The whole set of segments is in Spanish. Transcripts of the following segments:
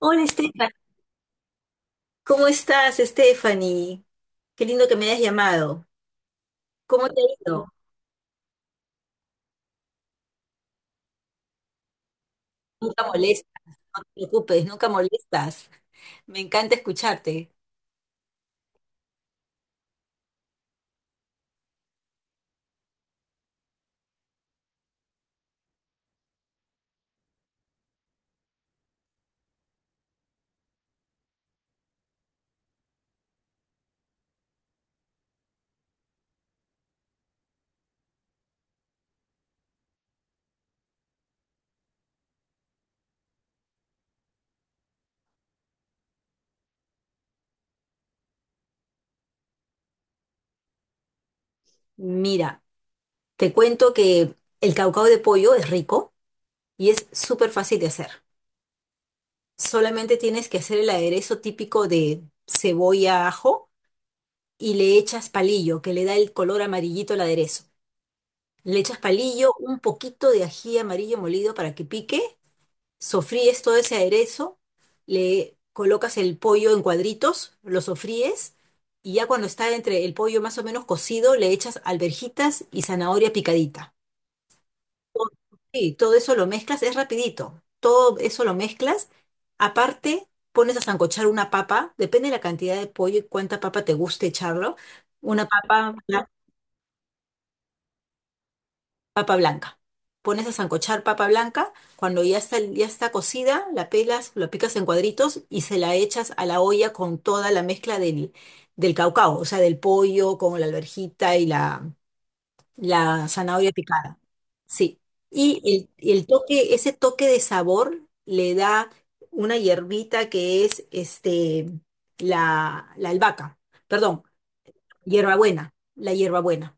Hola, Estefan. ¿Cómo estás, Stephanie? Qué lindo que me hayas llamado. ¿Cómo te ha ido? Nunca molestas, no te preocupes, nunca molestas. Me encanta escucharte. Mira, te cuento que el caucao de pollo es rico y es súper fácil de hacer. Solamente tienes que hacer el aderezo típico de cebolla, ajo y le echas palillo, que le da el color amarillito al aderezo. Le echas palillo, un poquito de ají amarillo molido para que pique. Sofríes todo ese aderezo, le colocas el pollo en cuadritos, lo sofríes y ya cuando está entre el pollo más o menos cocido, le echas alverjitas y zanahoria picadita. Todo- Sí, todo eso lo mezclas, es rapidito. Todo eso lo mezclas. Aparte, pones a sancochar una papa, depende de la cantidad de pollo y cuánta papa te guste echarlo. Una papa, papa blanca. Pones a sancochar papa blanca, cuando ya está cocida, la pelas, lo picas en cuadritos y se la echas a la olla con toda la mezcla del caucao, o sea, del pollo con la alverjita y la zanahoria picada. Sí. Y y el toque, ese toque de sabor le da una hierbita que es la albahaca, perdón, hierbabuena, la hierbabuena.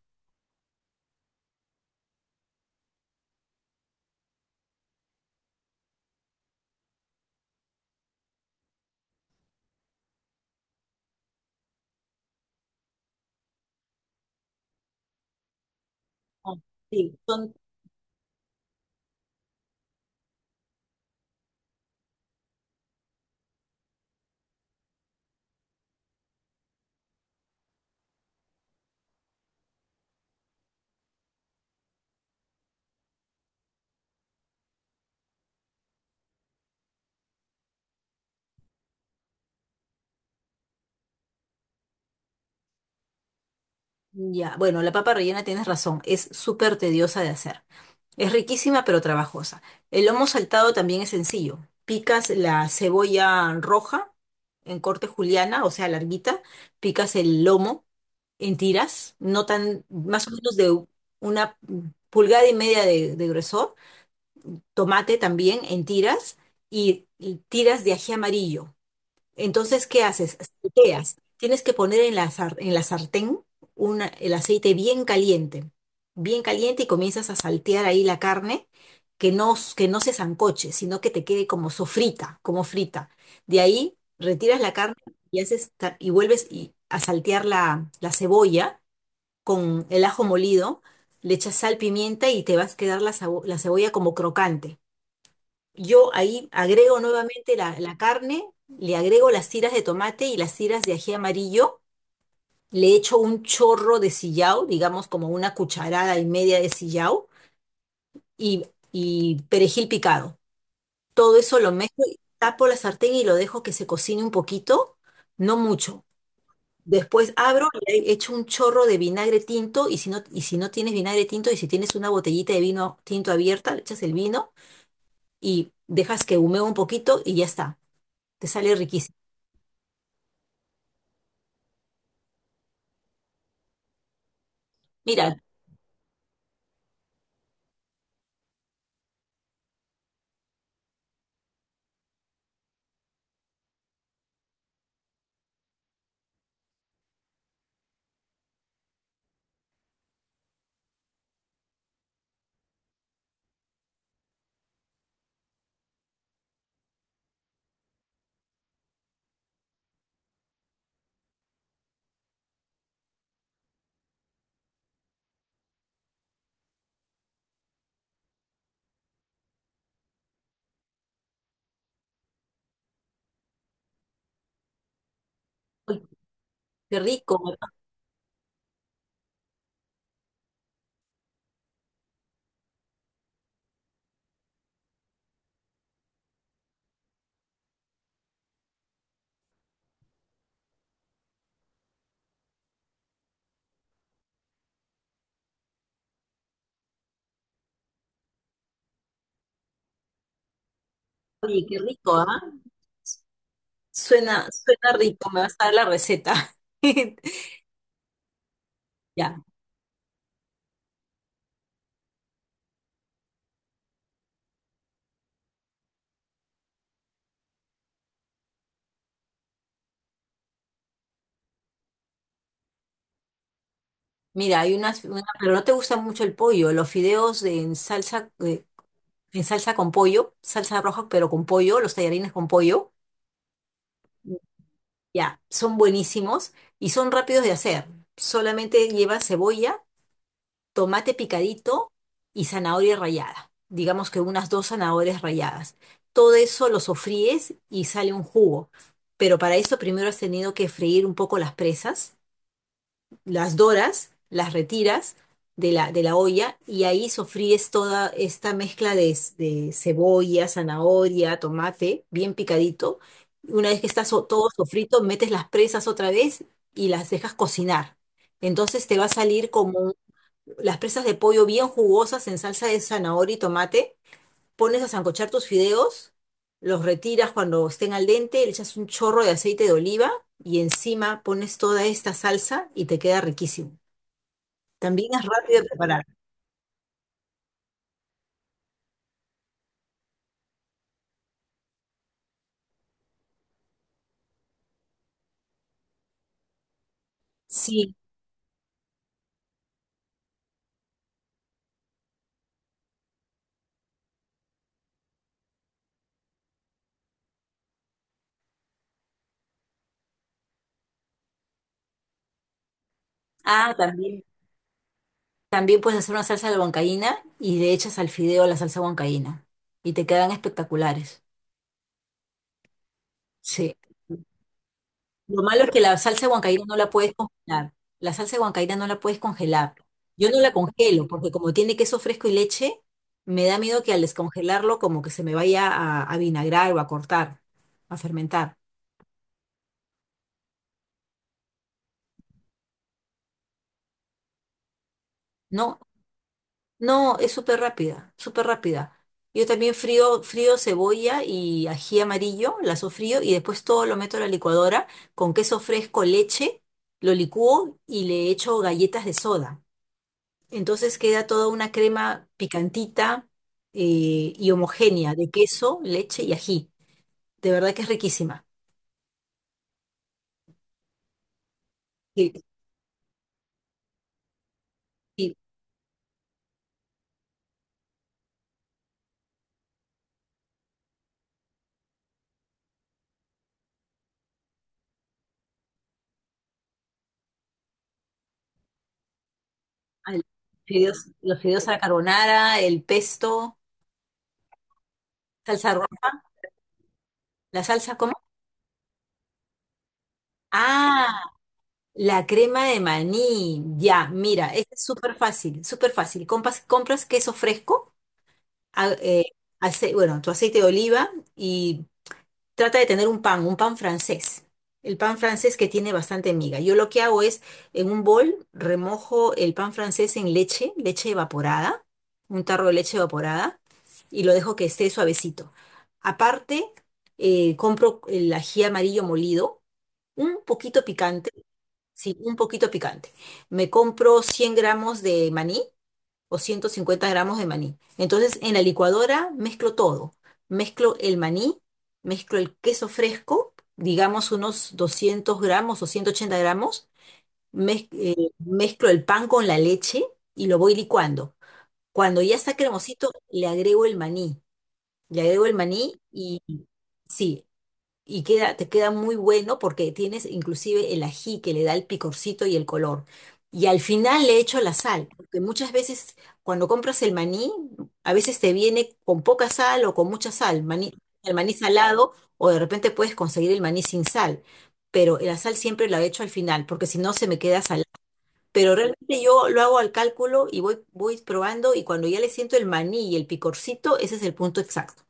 Ah. Sí, son Ya, bueno, la papa rellena tienes razón, es súper tediosa de hacer. Es riquísima pero trabajosa. El lomo saltado también es sencillo. Picas la cebolla roja en corte juliana, o sea, larguita, picas el lomo en tiras, no tan, más o menos de una pulgada y media de grosor, tomate también en tiras y tiras de ají amarillo. Entonces, ¿qué haces? Salteas. Tienes que poner en en la sartén el aceite bien caliente y comienzas a saltear ahí la carne, que no se sancoche, sino que te quede como sofrita, como frita. De ahí retiras la carne y, y vuelves a saltear la cebolla con el ajo molido, le echas sal, pimienta y te vas a quedar la cebolla como crocante. Yo ahí agrego nuevamente la carne, le agrego las tiras de tomate y las tiras de ají amarillo, le echo un chorro de sillao, digamos como una cucharada y media de sillao y, y perejil picado. Todo eso lo mezclo, y tapo la sartén y lo dejo que se cocine un poquito, no mucho. Después abro y le echo un chorro de vinagre tinto y si no tienes vinagre tinto y si tienes una botellita de vino tinto abierta, le echas el vino y dejas que humee un poquito y ya está. Te sale riquísimo. Mira, uy, qué rico, oye, qué rico, ¿ah? Suena rico, me vas a dar la receta. Ya, mira, pero no te gusta mucho el pollo, los fideos en salsa con pollo, salsa roja, pero con pollo, los tallarines con pollo, ya, son buenísimos y son rápidos de hacer. Solamente lleva cebolla, tomate picadito y zanahoria rallada. Digamos que unas dos zanahorias ralladas. Todo eso lo sofríes y sale un jugo. Pero para eso primero has tenido que freír un poco las presas, las doras, las retiras de la olla y ahí sofríes toda esta mezcla de cebolla, zanahoria, tomate, bien picadito. Una vez que está todo sofrito, metes las presas otra vez y las dejas cocinar. Entonces te va a salir como las presas de pollo bien jugosas en salsa de zanahoria y tomate, pones a sancochar tus fideos, los retiras cuando estén al dente, le echas un chorro de aceite de oliva y encima pones toda esta salsa y te queda riquísimo. También es rápido de preparar. Sí. Ah, también. También puedes hacer una salsa de huancaína y le echas al fideo la salsa huancaína y te quedan espectaculares. Sí. Lo malo es que la salsa huancaína no la puedes congelar. La salsa huancaína no la puedes congelar. Yo no la congelo porque como tiene queso fresco y leche, me da miedo que al descongelarlo como que se me vaya a vinagrar o a cortar, a fermentar. No, no, es súper rápida, súper rápida. Yo también frío cebolla y ají amarillo, la sofrío y después todo lo meto a la licuadora con queso fresco, leche, lo licúo y le echo galletas de soda. Entonces queda toda una crema picantita, y homogénea de queso, leche y ají. De verdad que es riquísima. Y, y al- los fideos a la carbonara, el pesto, salsa roja, la salsa ¿cómo? Ah, la crema de maní. Ya, mira, es súper fácil, súper fácil. Compras, queso fresco, a- eh, bueno, tu aceite de oliva y trata de tener un pan francés. El pan francés que tiene bastante miga. Yo lo que hago es, en un bol, remojo el pan francés en leche, leche evaporada, un tarro de leche evaporada, y lo dejo que esté suavecito. Aparte, compro el ají amarillo molido, un poquito picante, sí, un poquito picante. Me compro 100 gramos de maní, o 150 gramos de maní. Entonces, en la licuadora mezclo todo. Mezclo el maní, mezclo el queso fresco, digamos unos 200 gramos o 180 gramos. Mezclo el pan con la leche y lo voy licuando. Cuando ya está cremosito, le agrego el maní. Le agrego el maní y sí, y queda, te queda muy bueno porque tienes inclusive el ají que le da el picorcito y el color. Y al final le echo la sal, porque muchas veces cuando compras el maní, a veces te viene con poca sal o con mucha sal, el maní salado, o de repente puedes conseguir el maní sin sal. Pero la sal siempre la echo al final, porque si no se me queda salada. Pero realmente yo lo hago al cálculo y voy, voy probando y cuando ya le siento el maní y el picorcito, ese es el punto exacto.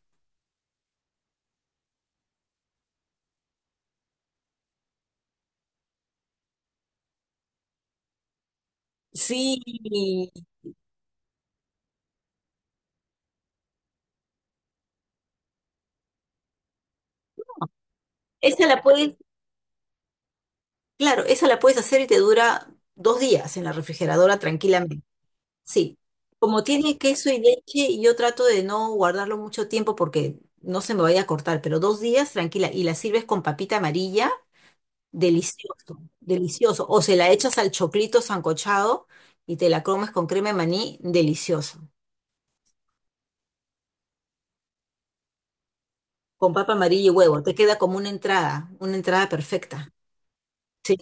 Sí, esa la puedes claro, esa la puedes hacer y te dura 2 días en la refrigeradora tranquilamente. Sí. Como tiene queso y leche, yo trato de no guardarlo mucho tiempo porque no se me vaya a cortar, pero 2 días tranquila y la sirves con papita amarilla, delicioso, delicioso. O se la echas al choclito sancochado y te la comes con crema de maní, delicioso. Con papa amarilla y huevo, te queda como una entrada perfecta. Sí,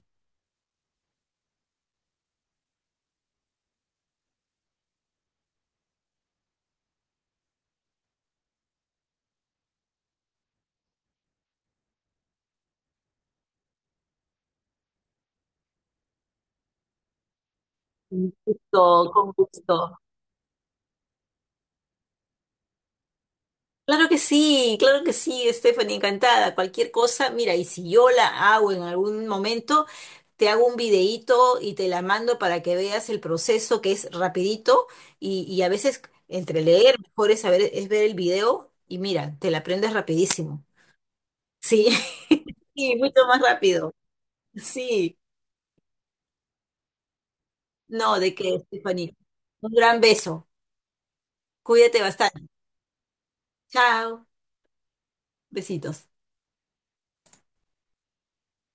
con gusto, con gusto. Claro que sí, Stephanie, encantada. Cualquier cosa, mira, y si yo la hago en algún momento, te hago un videíto y te la mando para que veas el proceso que es rapidito y a veces entre leer, mejor es saber, es ver el video y mira, te la aprendes rapidísimo. Sí, sí, mucho más rápido. Sí, no, de qué, Stephanie. Un gran beso. Cuídate bastante. Chao, besitos.